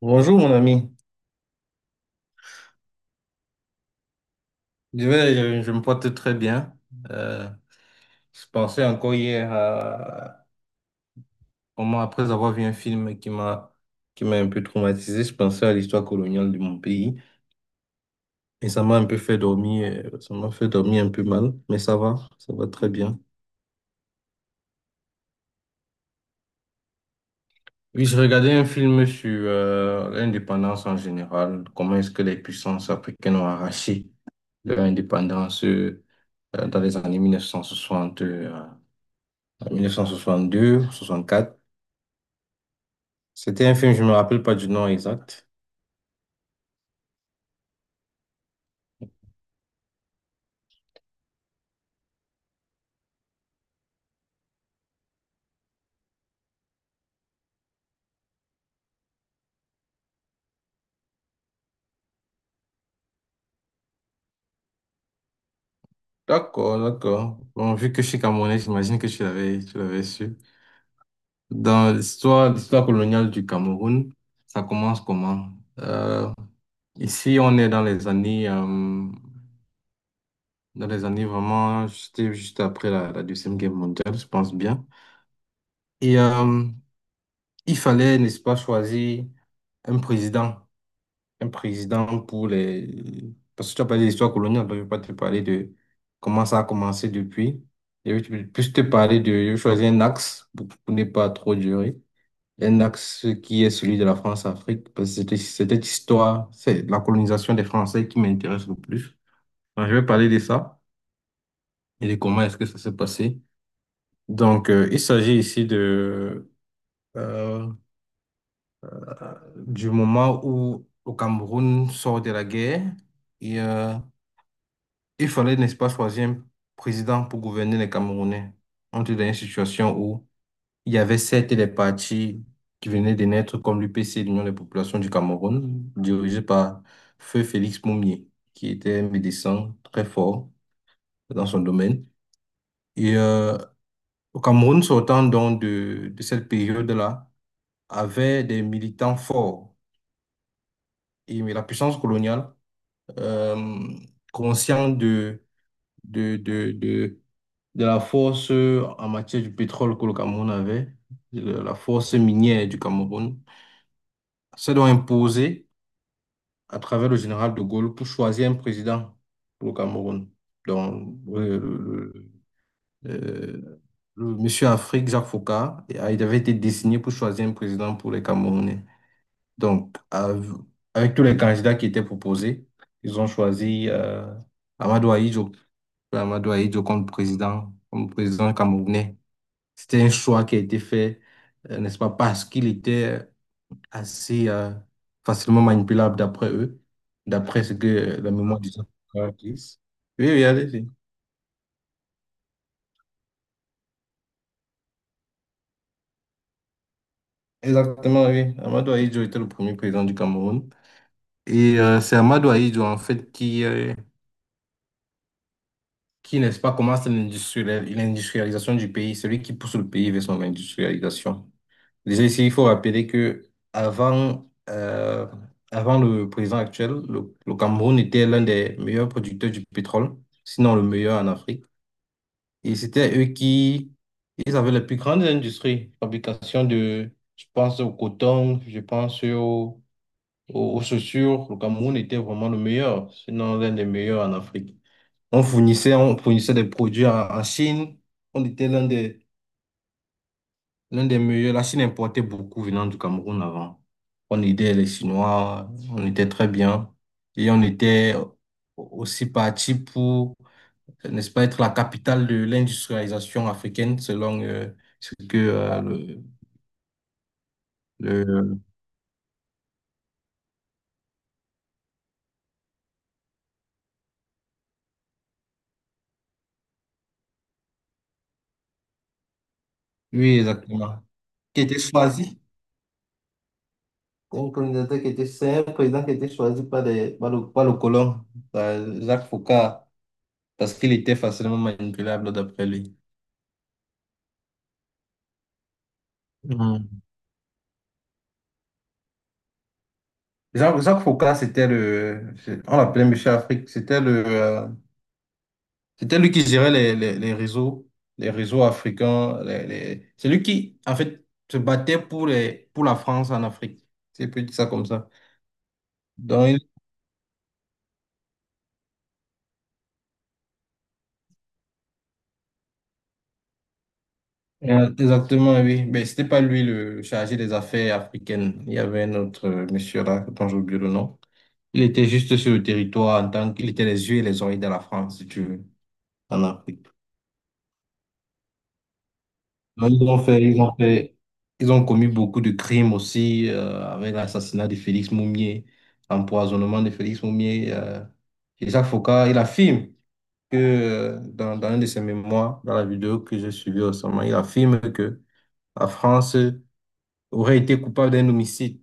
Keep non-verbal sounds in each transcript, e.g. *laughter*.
Bonjour mon ami, je me porte très bien. Euh, je pensais encore hier à comment, après avoir vu un film qui m'a un peu traumatisé, je pensais à l'histoire coloniale de mon pays, et ça m'a un peu fait dormir, ça m'a fait dormir un peu mal. Mais ça va très bien. Oui, je regardais un film sur l'indépendance en général, comment est-ce que les puissances africaines ont arraché leur indépendance. Dans les années 1960, à 1962, soixante-quatre. C'était un film, je me rappelle pas du nom exact. D'accord, d'accord. Bon, vu que je suis Camerounais, j'imagine que tu l'avais su. Dans l'histoire coloniale du Cameroun, ça commence comment? Ici, on est dans les années vraiment, c'était juste après la Deuxième Guerre mondiale, je pense bien. Et il fallait, n'est-ce pas, choisir un président. Un président pour les... Parce que tu as parlé d'histoire coloniale, donc je ne vais pas te parler de comment ça a commencé depuis. Je vais plus te parler de... Je vais choisir un axe pour ne pas trop durer. Un axe qui est celui de la France-Afrique, parce que c'était histoire, c'est la colonisation des Français qui m'intéresse le plus. Donc, je vais parler de ça et de comment est-ce que ça s'est passé. Donc, il s'agit ici euh, du moment où le Cameroun sort de la guerre et il fallait, n'est-ce pas, choisir un président pour gouverner les Camerounais. On était dans une situation où il y avait certes les partis qui venaient de naître comme l'UPC, l'Union des populations du Cameroun, dirigé par Feu Félix Moumié, qui était un médecin très fort dans son domaine. Et au Cameroun, sortant donc de cette période-là, avait des militants forts. Et, mais la puissance coloniale, euh, consciente de, de, de de la force en matière du pétrole que le Cameroun avait, de la force minière du Cameroun. C'est donc imposé à travers le général de Gaulle pour choisir un président pour le Cameroun. Donc, euh, le monsieur Afrique, Jacques Faucard, il avait été désigné pour choisir un président pour les Camerounais. Donc, avec tous les candidats qui étaient proposés, ils ont choisi Amadou Ahidjo, Amadou Ahidjo comme président camerounais. C'était un choix qui a été fait, n'est-ce pas, parce qu'il était assez facilement manipulable d'après eux, d'après ce que la mémoire des gens disent. Oui, oui, allez-y. Exactement, oui. Amadou Ahidjo était le premier président du Cameroun. Et c'est Amadou Ahidjo, en fait, qui n'est-ce pas, commence l'industrialisation du pays, celui qui pousse le pays vers son industrialisation. Déjà ici, il faut rappeler que avant le président actuel, le Cameroun était l'un des meilleurs producteurs du pétrole, sinon le meilleur en Afrique. Et c'était eux qui, ils avaient les plus grandes industries, fabrication de, je pense au coton, je pense aux chaussures. Le Cameroun était vraiment le meilleur, sinon l'un des meilleurs en Afrique. On fournissait des produits en Chine. On était l'un des meilleurs. La Chine importait beaucoup venant du Cameroun avant. On aidait les Chinois, on était très bien. Et on était aussi parti pour, n'est-ce pas, être la capitale de l'industrialisation africaine, selon ce que le- oui, exactement. Qui était choisi. Un candidat qui était, c'est un président qui était choisi par le colon, par Jacques Foucault, parce qu'il était facilement manipulable d'après lui. Jacques Foccart, on l'appelait Monsieur Afrique, c'était lui qui gérait les réseaux, les réseaux africains, c'est lui qui, en fait, se battait pour la France en Afrique. C'est peut dire ça comme ça. Donc, exactement, oui. Mais c'était pas lui le chargé des affaires africaines. Il y avait un autre monsieur là, dont j'ai oublié le nom. Il était juste sur le territoire en tant qu'il était les yeux et les oreilles de la France, si tu veux, en Afrique. Non, ils ont commis beaucoup de crimes aussi, avec l'assassinat de Félix Moumier, l'empoisonnement de Félix Moumier. Jacques Faucard, il affirme que dans un de ses mémoires, dans la vidéo que j'ai suivie récemment, il affirme que la France aurait été coupable d'un homicide.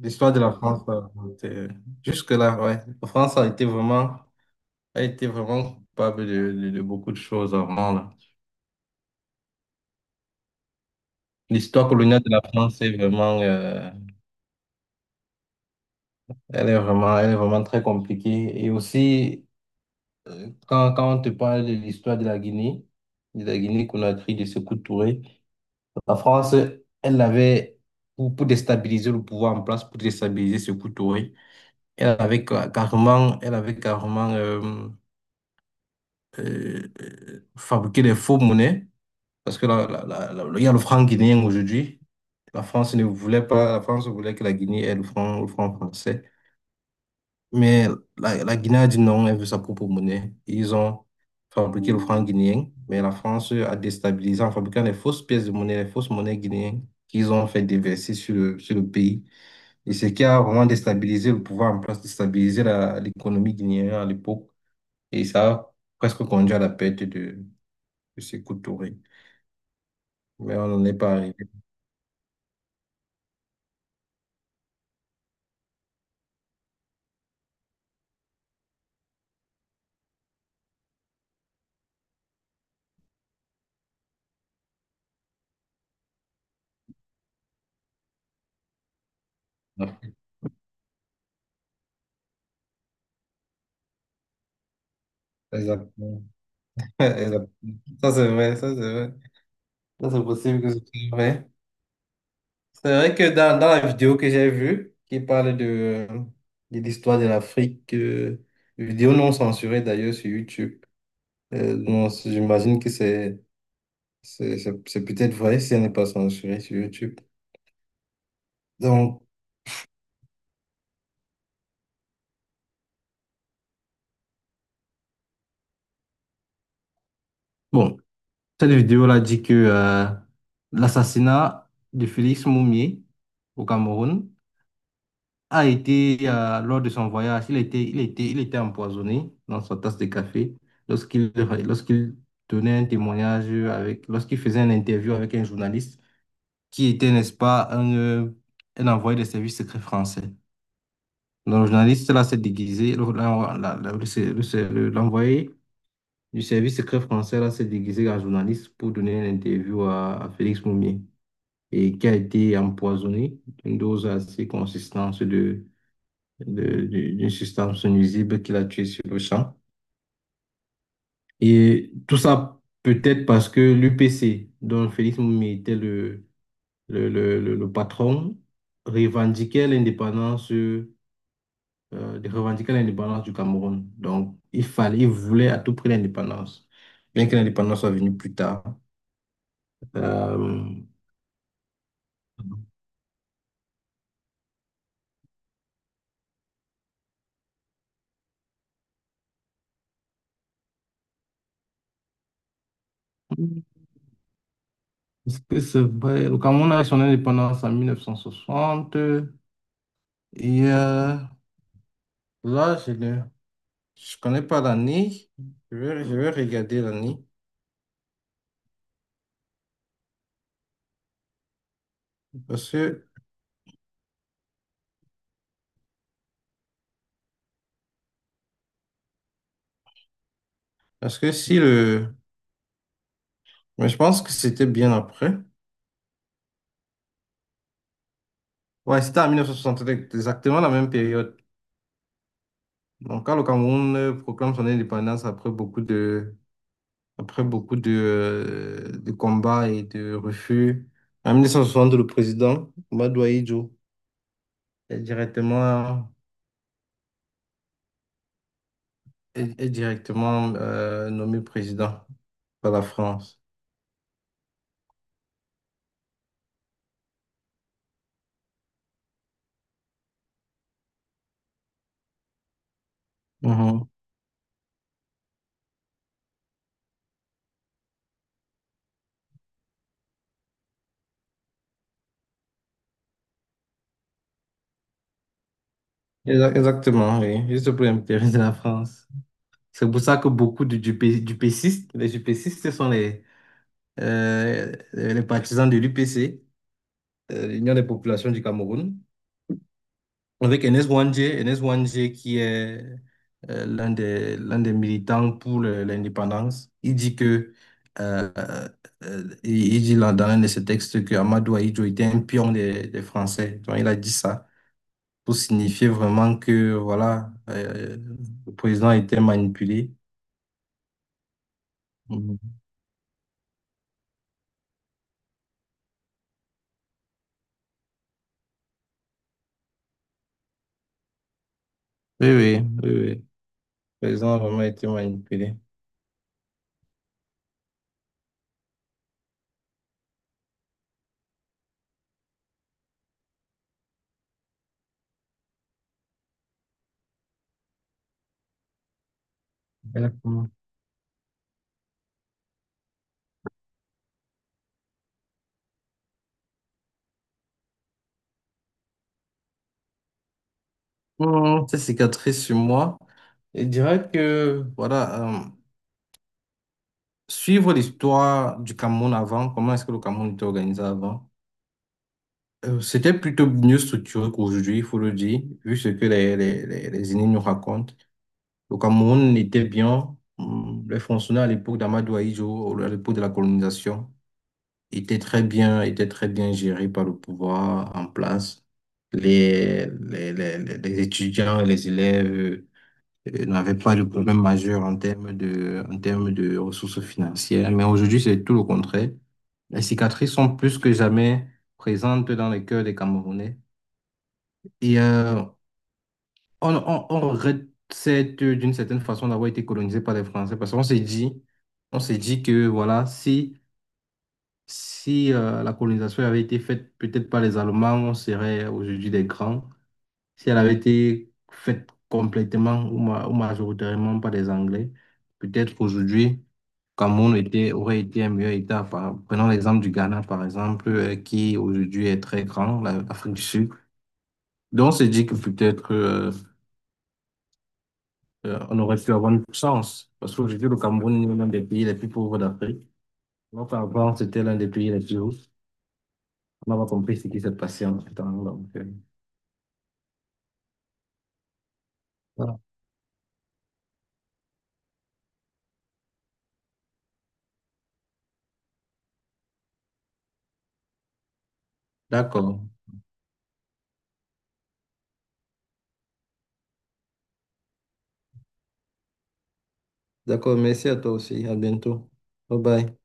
L'histoire de la France, c'est- euh, jusque-là, ouais. La France a été vraiment coupable de beaucoup de choses avant, là. L'histoire coloniale de la France est vraiment. Elle est vraiment très compliquée. Et aussi, quand on te parle de l'histoire de la Guinée, de la Guinée-Conakry, de Sékou Touré, la France, elle avait, pour déstabiliser le pouvoir en place, pour déstabiliser Sékou Touré, elle avait carrément fabriqué des faux monnaies. Parce que il y a le franc guinéen aujourd'hui. La France ne voulait pas, la France voulait que la Guinée ait le franc français. Mais la Guinée a dit non, elle veut sa propre monnaie. Ils ont fabriqué le franc guinéen, mais la France a déstabilisé en fabriquant les fausses pièces de monnaie, les fausses monnaies guinéennes qu'ils ont fait déverser sur le pays. Et ce qui a vraiment déstabilisé le pouvoir en place, déstabilisé l'économie guinéenne à l'époque. Et ça a presque conduit à la perte de Sékou Touré. Mais on n'en est pas arrivé. Exactement. *laughs* Exactement. Ça, c'est vrai, ça, c'est vrai. Ça, c'est possible que ce soit vrai. C'est vrai que dans la vidéo que j'ai vue, qui parle euh, de l'histoire de l'Afrique, vidéo non censurée d'ailleurs sur YouTube, non, j'imagine que c'est peut-être vrai si elle n'est pas censurée sur YouTube. Donc, bon, cette vidéo-là dit que l'assassinat de Félix Moumié au Cameroun a été, lors de son voyage, il était empoisonné dans sa tasse de café lorsqu'il lorsqu'il donnait un témoignage avec, lorsqu'il faisait une interview avec un journaliste qui était, n'est-ce pas, un envoyé des services secrets français. Donc, le journaliste là s'est déguisé, le- la- la- la- le se- le se- le- l'envoyé du service secret français là s'est déguisé en journaliste pour donner une interview à Félix Moumier et qui a été empoisonné d'une dose assez consistante d'une substance nuisible qui l'a tué sur le champ. Et tout ça peut-être parce que l'UPC, dont Félix Moumi était le patron, revendiquait l'indépendance, de revendiquer l'indépendance du Cameroun. Donc, il fallait, il voulait à tout prix l'indépendance, bien que l'indépendance soit venue plus tard. Euh, est-ce que c'est vrai? Le Cameroun a eu son indépendance en 1960 et là, je connais pas l'année. Je vais regarder l'année. Parce que, parce que si le... Mais je pense que c'était bien après. Ouais, c'était en 1973, exactement la même période. Donc, quand le Cameroun proclame son indépendance après beaucoup de combats et de refus, en 1960 le président, Madoua Idjo, est directement, est directement nommé président par la France. Exactement, oui. Juste pour l'intérêt de la France. C'est pour ça que beaucoup de du dupécistes, les dupécistes, ce sont les partisans de l'UPC, l'Union des populations du Cameroun, avec Enes Wandje, Enes Wandje qui est l'un des militants pour l'indépendance. Euh, il dit là, dans un de ses textes, que Amadou Ahidjo était un pion des Français. Donc, il a dit ça. Pour signifier vraiment que voilà, le président a été manipulé. Mhm. Oui, oui, oui, oui. Le président a vraiment été manipulé. Exactement. Bon, cette cicatrice sur moi, je dirais que voilà, suivre l'histoire du Cameroun avant, comment est-ce que le Cameroun était organisé avant, c'était plutôt mieux structuré qu'aujourd'hui, il faut le dire, vu ce que les aînés nous racontent. Le Cameroun était bien, les fonctionnaires à l'époque d'Amadou Ahidjo, à l'époque de la colonisation, était très bien géré par le pouvoir en place. Les étudiants et les élèves n'avaient pas de problème majeur en termes de ressources financières. Mais aujourd'hui, c'est tout le contraire. Les cicatrices sont plus que jamais présentes dans les cœurs des Camerounais. Et on regrette d'une certaine façon d'avoir été colonisé par les Français parce qu'on s'est dit que voilà, si la colonisation avait été faite peut-être par les Allemands, on serait aujourd'hui des grands. Si elle avait été faite complètement ou majoritairement par les Anglais, peut-être qu'aujourd'hui, Cameroun était, aurait été un meilleur État. Prenons l'exemple du Ghana, par exemple, qui aujourd'hui est très grand, l'Afrique du Sud. Donc, on s'est dit que peut-être on aurait pu avoir une chance, parce qu'aujourd'hui, le Cameroun est l'un des pays les plus pauvres d'Afrique. Alors qu'avant, c'était l'un des pays les plus hauts. On n'a pas compris ce qui s'est passé en ce temps. Donc, ah, d'accord. D'accord, merci à toi aussi. À bientôt. Bye bye.